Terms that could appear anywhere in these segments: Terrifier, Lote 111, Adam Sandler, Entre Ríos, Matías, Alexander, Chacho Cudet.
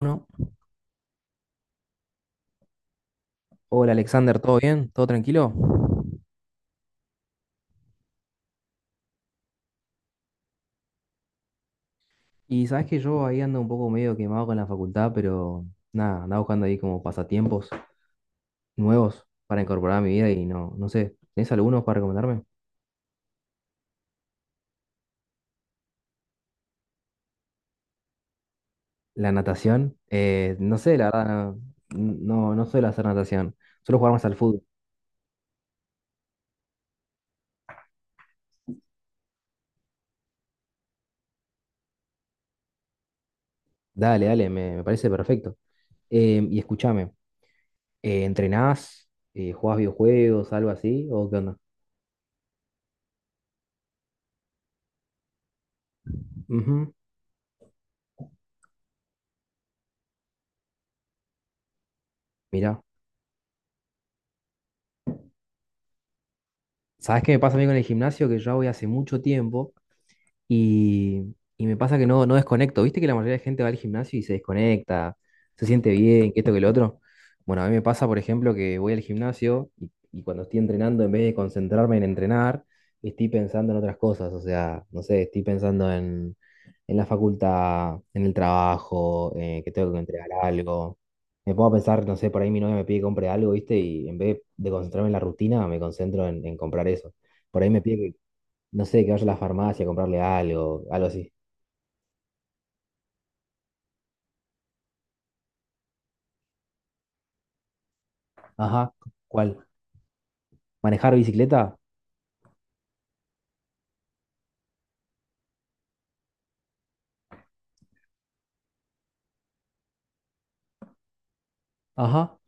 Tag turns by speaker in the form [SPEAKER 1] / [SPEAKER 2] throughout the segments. [SPEAKER 1] Bueno, hola Alexander, ¿todo bien? ¿Todo tranquilo? Y sabes que yo ahí ando un poco medio quemado con la facultad, pero nada, andaba buscando ahí como pasatiempos nuevos para incorporar a mi vida y no, no sé, ¿tenés algunos para recomendarme? La natación, no sé, la verdad, no, no suelo hacer natación, suelo jugar más al fútbol. Dale, dale, me parece perfecto. Y escúchame, ¿entrenás? ¿Jugás videojuegos, algo así? ¿O qué onda? Ujú. Mirá, ¿sabes qué me pasa a mí con el gimnasio? Que yo voy hace mucho tiempo. Y me pasa que no desconecto. ¿Viste que la mayoría de gente va al gimnasio y se desconecta, se siente bien, que esto, que lo otro? Bueno, a mí me pasa, por ejemplo, que voy al gimnasio y cuando estoy entrenando, en vez de concentrarme en entrenar, estoy pensando en otras cosas. O sea, no sé, estoy pensando en la facultad, en el trabajo, que tengo que entregar algo. Me pongo a pensar, no sé, por ahí mi novia me pide que compre algo, ¿viste? Y en vez de concentrarme en la rutina, me concentro en comprar eso. Por ahí me pide que no sé, que vaya a la farmacia a comprarle algo, algo así. Ajá, ¿cuál? ¿Manejar bicicleta? Ajá,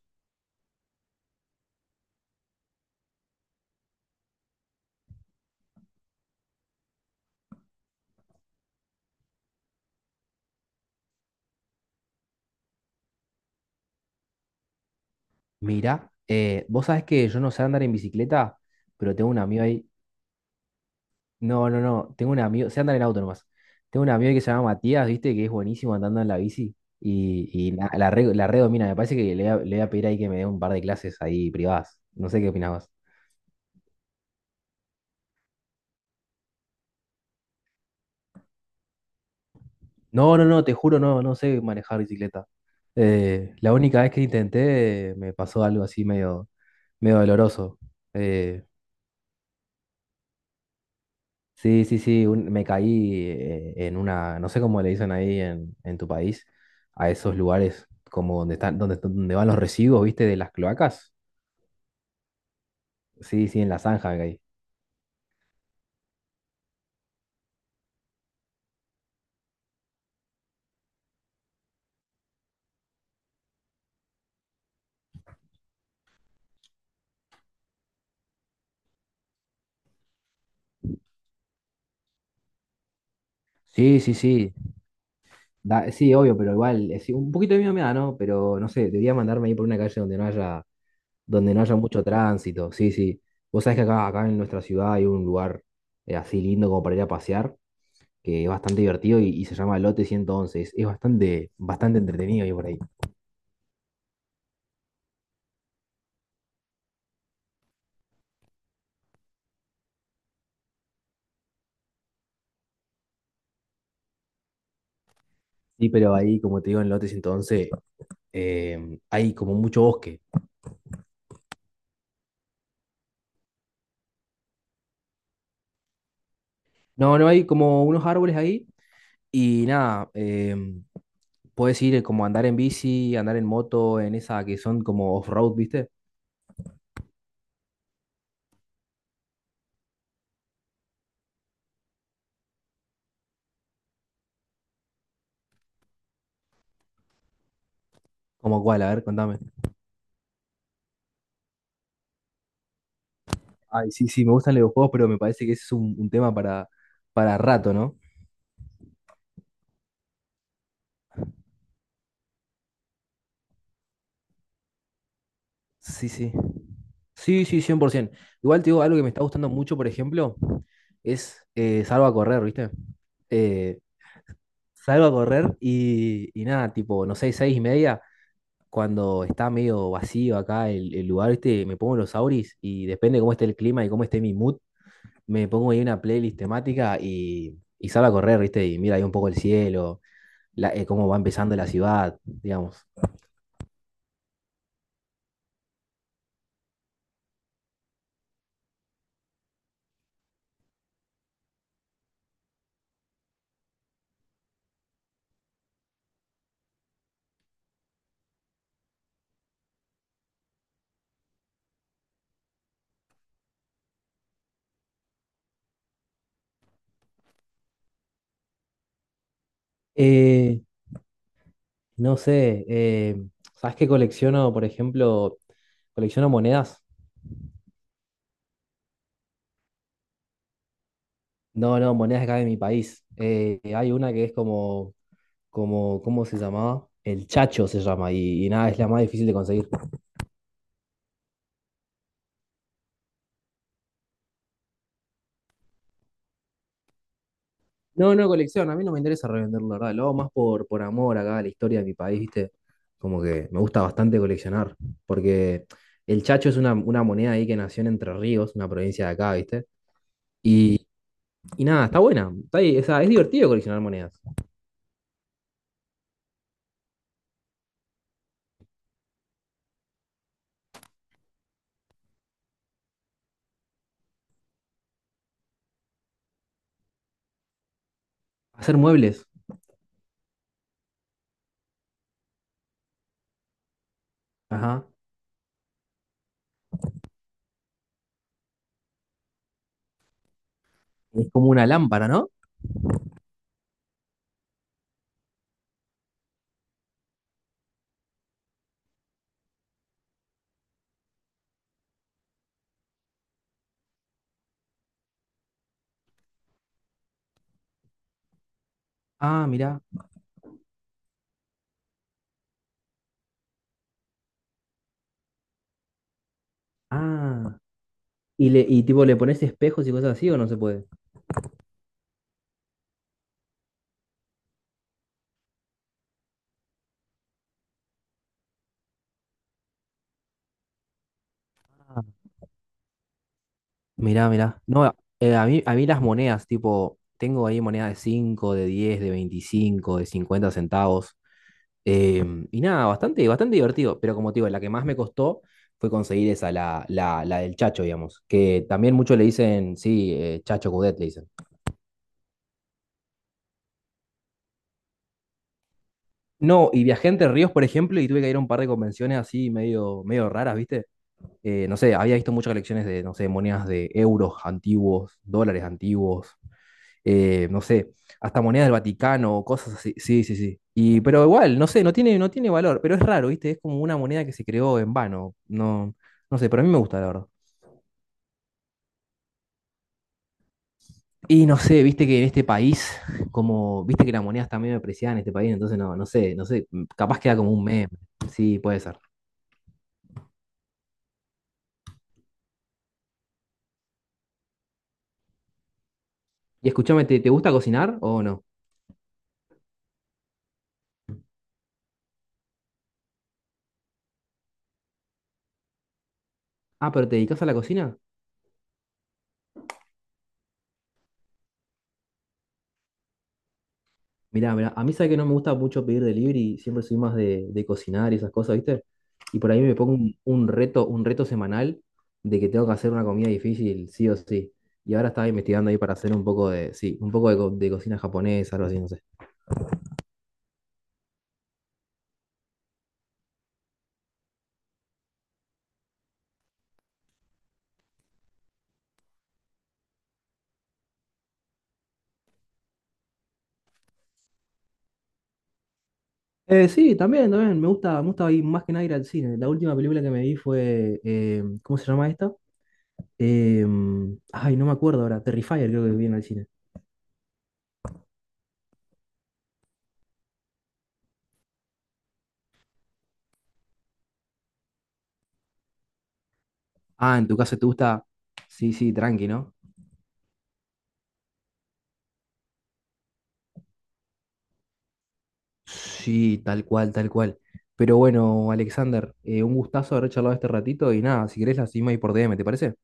[SPEAKER 1] mira, vos sabés que yo no sé andar en bicicleta, pero tengo un amigo ahí. No, no, no, tengo un amigo, sé andar en auto nomás. Tengo un amigo ahí que se llama Matías, viste, que es buenísimo andando en la bici y la redomina. Me parece que le voy a pedir ahí que me dé un par de clases ahí privadas. No sé qué opinabas. No, no, no, te juro, no, no sé manejar bicicleta. La única vez que intenté me pasó algo así medio, medio doloroso. Eh, sí, sí, sí, me caí en una, no sé cómo le dicen ahí en tu país, a esos lugares como donde están, donde van los residuos, ¿viste? De las cloacas. Sí, sí, en la zanja me caí. Sí, sí, sí. Sí, obvio, pero igual, sí, un poquito de miedo me da, ¿no? Pero no sé, debería mandarme ahí por una calle donde no haya mucho tránsito. Sí, sí. Vos sabés que acá en nuestra ciudad hay un lugar así lindo como para ir a pasear, que es bastante divertido y se llama Lote 111. Es bastante, bastante entretenido ir por ahí. Sí, pero ahí, como te digo, en Lote 111 hay como mucho bosque. No, no hay como unos árboles ahí y nada, puedes ir como andar en bici, andar en moto, en esa que son como off-road, ¿viste? Como cuál, a ver, contame. Ay, sí, sí, me gustan los videojuegos, pero me parece que ese es un tema para rato, ¿no? Sí, sí. Sí, sí, 100%. Igual te digo, algo que me está gustando mucho, por ejemplo, es salgo a correr, ¿viste? Eh, salgo a correr y nada, tipo, no sé, 6:30, cuando está medio vacío acá el lugar, ¿viste? Me pongo los auris y depende de cómo esté el clima y cómo esté mi mood, me pongo ahí una playlist temática y salgo a correr, ¿viste? Y mira ahí un poco el cielo, cómo va empezando la ciudad, digamos. Eh, no sé, ¿sabes qué colecciono, por ejemplo? Colecciono monedas. No, no, monedas acá de mi país. Hay una que es ¿cómo se llamaba? El Chacho se llama y nada, es la más difícil de conseguir. No, no, colección, a mí no me interesa revenderlo, la verdad. Lo hago más por amor acá a la historia de mi país, ¿viste? Como que me gusta bastante coleccionar, porque el Chacho es una moneda ahí que nació en Entre Ríos, una provincia de acá, ¿viste? Y, y nada, está buena. Está ahí, o sea, es divertido coleccionar monedas. Hacer muebles. Ajá. Es como una lámpara, ¿no? Ah, mirá. Ah. Y tipo, ¿le pones espejos y cosas así o no se puede? Ah. Mirá, mirá. No, a mí las monedas, tipo, tengo ahí monedas de 5, de 10, de 25, de 50 centavos. Y nada, bastante, bastante divertido. Pero como te digo, la que más me costó fue conseguir esa, la del Chacho, digamos. Que también muchos le dicen, sí, Chacho Cudet le dicen. No, y viajé Entre Ríos, por ejemplo, y tuve que ir a un par de convenciones así medio, medio raras, ¿viste? No sé, había visto muchas colecciones de, no sé, monedas de euros antiguos, dólares antiguos, no sé, hasta monedas del Vaticano, cosas así. Sí, sí, sí. Pero igual, no sé, no tiene valor, pero es raro, ¿viste? Es como una moneda que se creó en vano. No, no sé, pero a mí me gusta, la verdad. Y no sé, viste que en este país, como, viste que las monedas también medio depreciadas en este país, entonces no, no sé, capaz queda como un meme. Sí, puede ser. Y escúchame, ¿te gusta cocinar o no? Ah, pero ¿te dedicas a la cocina? Mirá, mirá, a mí sabe que no me gusta mucho pedir delivery, siempre soy más de cocinar y esas cosas, ¿viste? Y por ahí me pongo un reto semanal de que tengo que hacer una comida difícil, sí o sí. Y ahora estaba investigando ahí para hacer un poco de, sí, un poco de, co- de cocina japonesa, algo así, no sé. Sí, también, me gusta ir más que nada ir al cine. La última película que me vi fue, ¿cómo se llama esta? Ay, no me acuerdo ahora, Terrifier creo que vi en el cine. Ah, en tu caso te gusta, sí, sí, tranqui, ¿no? Sí, tal cual, tal cual. Pero bueno, Alexander, un gustazo haber charlado este ratito y nada, si querés la seguimos ahí por DM, ¿te parece?